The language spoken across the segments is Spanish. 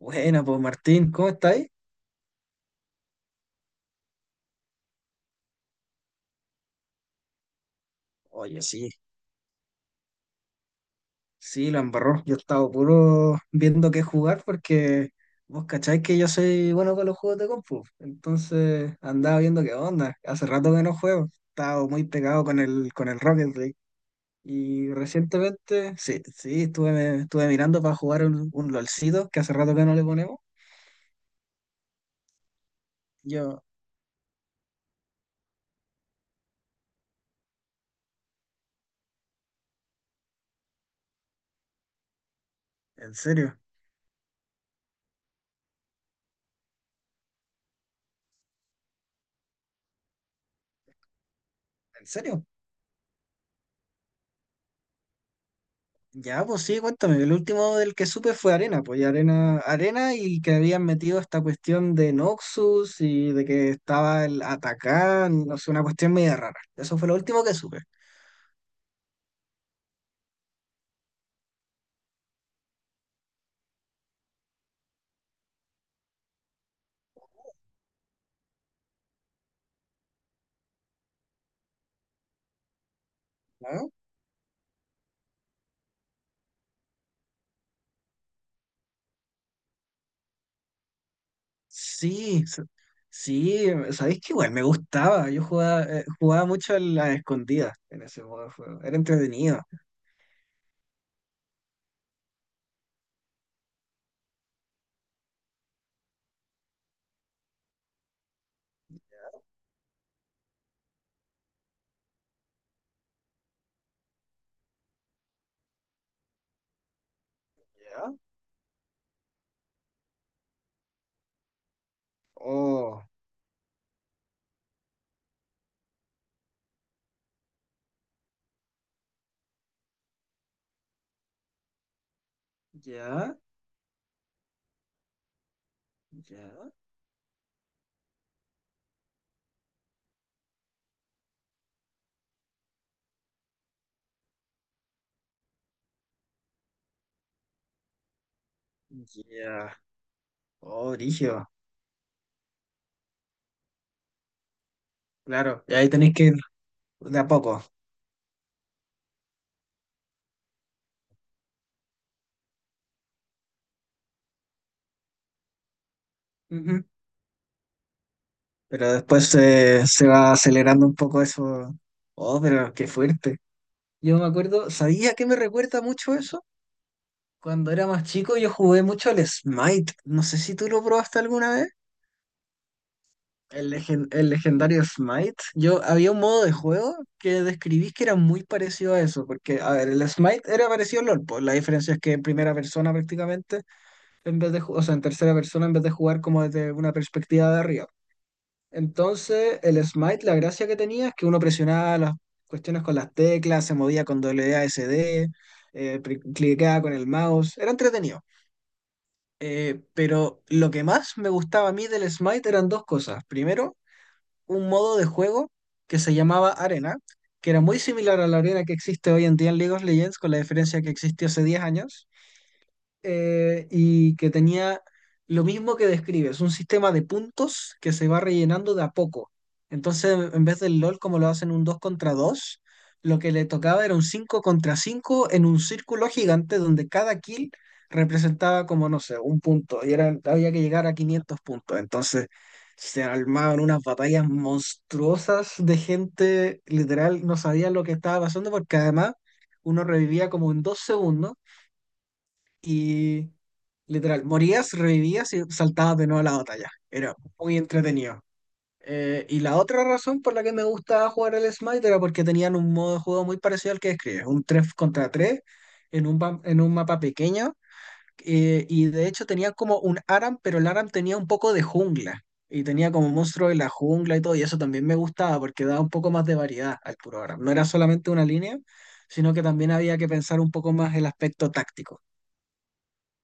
Buena, pues Martín, ¿cómo estáis? Oye, sí, sí, la embarró. Yo he estado puro viendo qué jugar porque vos cacháis que yo soy bueno con los juegos de compu. Entonces andaba viendo qué onda. Hace rato que no juego. He estado muy pegado con el Rocket League. Y recientemente, sí, sí, estuve mirando para jugar un LOLcito que hace rato que no le ponemos. Yo, en serio, en serio. Ya, pues sí, cuéntame. El último del que supe fue Arena, pues y Arena y que habían metido esta cuestión de Noxus y de que estaba el Atacán, no sé, una cuestión media rara. Eso fue lo último que supe, ¿no? Sí, s- sí, sabéis que igual me gustaba. Yo jugaba mucho a las escondidas en ese modo de juego. Era entretenido. ¿Ya? Oh, ya, ya, ya. Oh, brígido. Claro, y ahí tenéis que ir de a poco. Ujú. Pero después se va acelerando un poco eso. Oh, pero qué fuerte. Yo me acuerdo, ¿sabía que me recuerda mucho eso? Cuando era más chico yo jugué mucho al Smite. No sé si tú lo probaste alguna vez. El legendario Smite. Yo había un modo de juego que describí que era muy parecido a eso. Porque, a ver, el Smite era parecido al LOL, pues la diferencia es que en primera persona prácticamente, en vez de, o sea, en tercera persona, en vez de jugar como desde una perspectiva de arriba. Entonces, el Smite, la gracia que tenía es que uno presionaba las cuestiones con las teclas, se movía con WASD, cliqueaba con el mouse, era entretenido. Pero lo que más me gustaba a mí del Smite eran dos cosas. Primero, un modo de juego que se llamaba Arena, que era muy similar a la arena que existe hoy en día en League of Legends, con la diferencia que existió hace 10 años, y que tenía lo mismo que describes, un sistema de puntos que se va rellenando de a poco. Entonces, en vez del LOL, como lo hacen un 2 contra dos, lo que le tocaba era un 5 contra 5 en un círculo gigante donde cada kill representaba como, no sé, un punto y era, había que llegar a 500 puntos. Entonces, se armaban unas batallas monstruosas de gente, literal, no sabía lo que estaba pasando porque además uno revivía como en 2 segundos y, literal, morías, revivías y saltabas de nuevo a la batalla. Era muy entretenido. Y la otra razón por la que me gustaba jugar el Smite era porque tenían un modo de juego muy parecido al que describes, un 3 contra 3 en un mapa pequeño. Y de hecho tenía como un ARAM, pero el ARAM tenía un poco de jungla. Y tenía como monstruo de la jungla y todo. Y eso también me gustaba porque daba un poco más de variedad al puro ARAM. No era solamente una línea, sino que también había que pensar un poco más el aspecto táctico.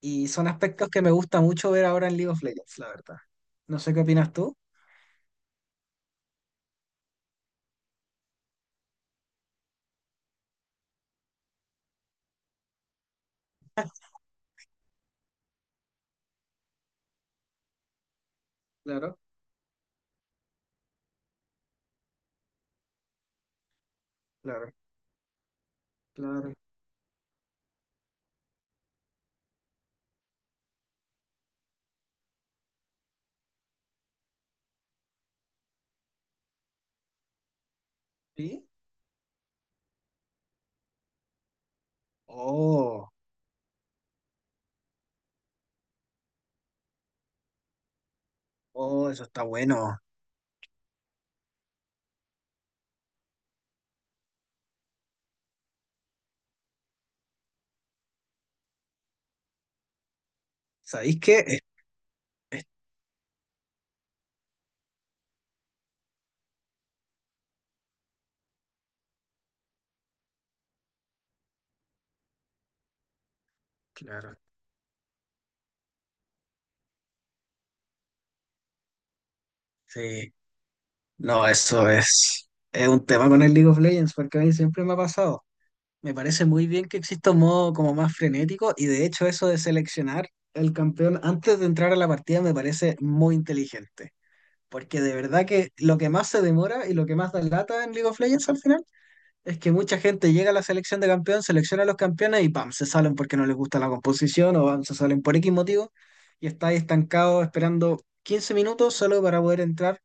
Y son aspectos que me gusta mucho ver ahora en League of Legends, la verdad. No sé qué opinas tú. Claro, claro, claro. ¿Sí? Oh, oh, eso está bueno. ¿Sabéis qué? Es- claro. Sí. No, eso es un tema con el League of Legends, porque a mí siempre me ha pasado. Me parece muy bien que exista un modo como más frenético, y de hecho eso de seleccionar el campeón antes de entrar a la partida me parece muy inteligente. Porque de verdad que lo que más se demora y lo que más da lata en League of Legends al final es que mucha gente llega a la selección de campeón, selecciona a los campeones y ¡pam!, se salen porque no les gusta la composición, o ¡pam!, se salen por X motivo y está ahí estancado esperando 15 minutos solo para poder entrar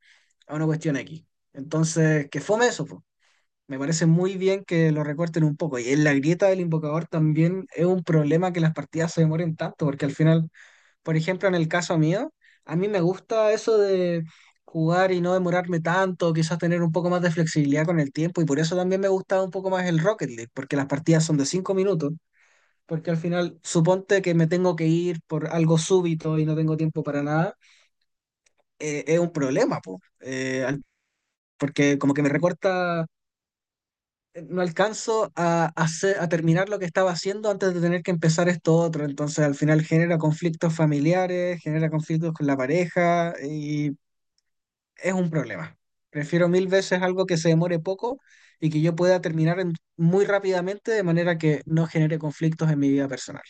a una cuestión X. Entonces, que fome eso, po. Me parece muy bien que lo recorten un poco. Y en la grieta del invocador también es un problema que las partidas se demoren tanto porque al final, por ejemplo, en el caso mío, a mí me gusta eso de jugar y no demorarme tanto, quizás tener un poco más de flexibilidad con el tiempo, y por eso también me gusta un poco más el Rocket League, porque las partidas son de 5 minutos, porque al final, suponte que me tengo que ir por algo súbito y no tengo tiempo para nada, es un problema, po, porque como que me recorta, no alcanzo a, hacer, a terminar lo que estaba haciendo antes de tener que empezar esto otro. Entonces, al final genera conflictos familiares, genera conflictos con la pareja y es un problema. Prefiero mil veces algo que se demore poco y que yo pueda terminar muy rápidamente de manera que no genere conflictos en mi vida personal.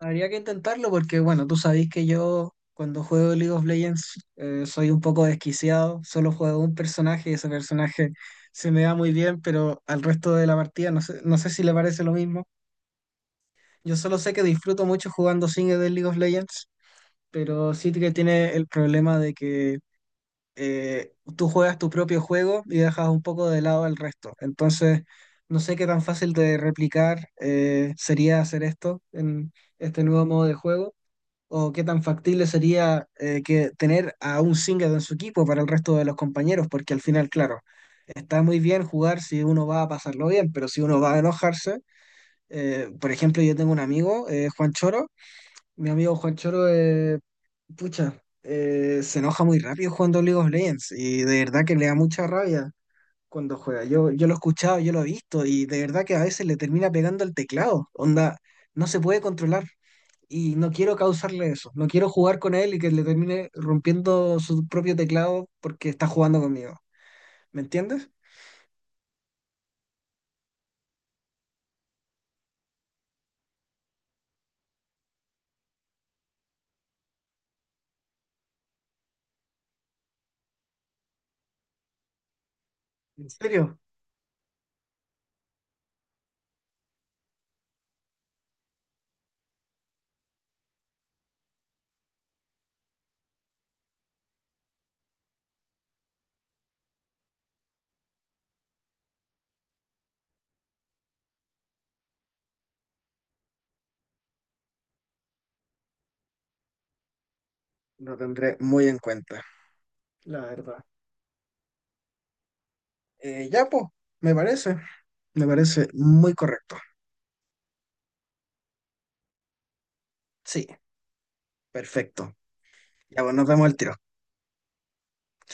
Habría que intentarlo porque, bueno, tú sabés que yo cuando juego League of Legends soy un poco desquiciado, solo juego un personaje y ese personaje se me da muy bien, pero al resto de la partida no sé, si le parece lo mismo. Yo solo sé que disfruto mucho jugando single de League of Legends, pero sí que tiene el problema de que tú juegas tu propio juego y dejas un poco de lado al resto. Entonces, no sé qué tan fácil de replicar sería hacer esto en este nuevo modo de juego o qué tan factible sería, que tener a un singlet en su equipo para el resto de los compañeros, porque al final, claro, está muy bien jugar si uno va a pasarlo bien, pero si uno va a enojarse, por ejemplo, yo tengo un amigo, Juan Choro, mi amigo Juan Choro, pucha, se enoja muy rápido jugando League of Legends y de verdad que le da mucha rabia cuando juega. Yo lo he escuchado, yo lo he visto y de verdad que a veces le termina pegando el teclado. Onda, no se puede controlar y no quiero causarle eso. No quiero jugar con él y que le termine rompiendo su propio teclado porque está jugando conmigo. ¿Me entiendes? ¿En serio? Lo tendré muy en cuenta, la verdad. Ya, pues, me parece, me parece muy correcto. Sí, perfecto. Ya, pues, nos vemos al tiro.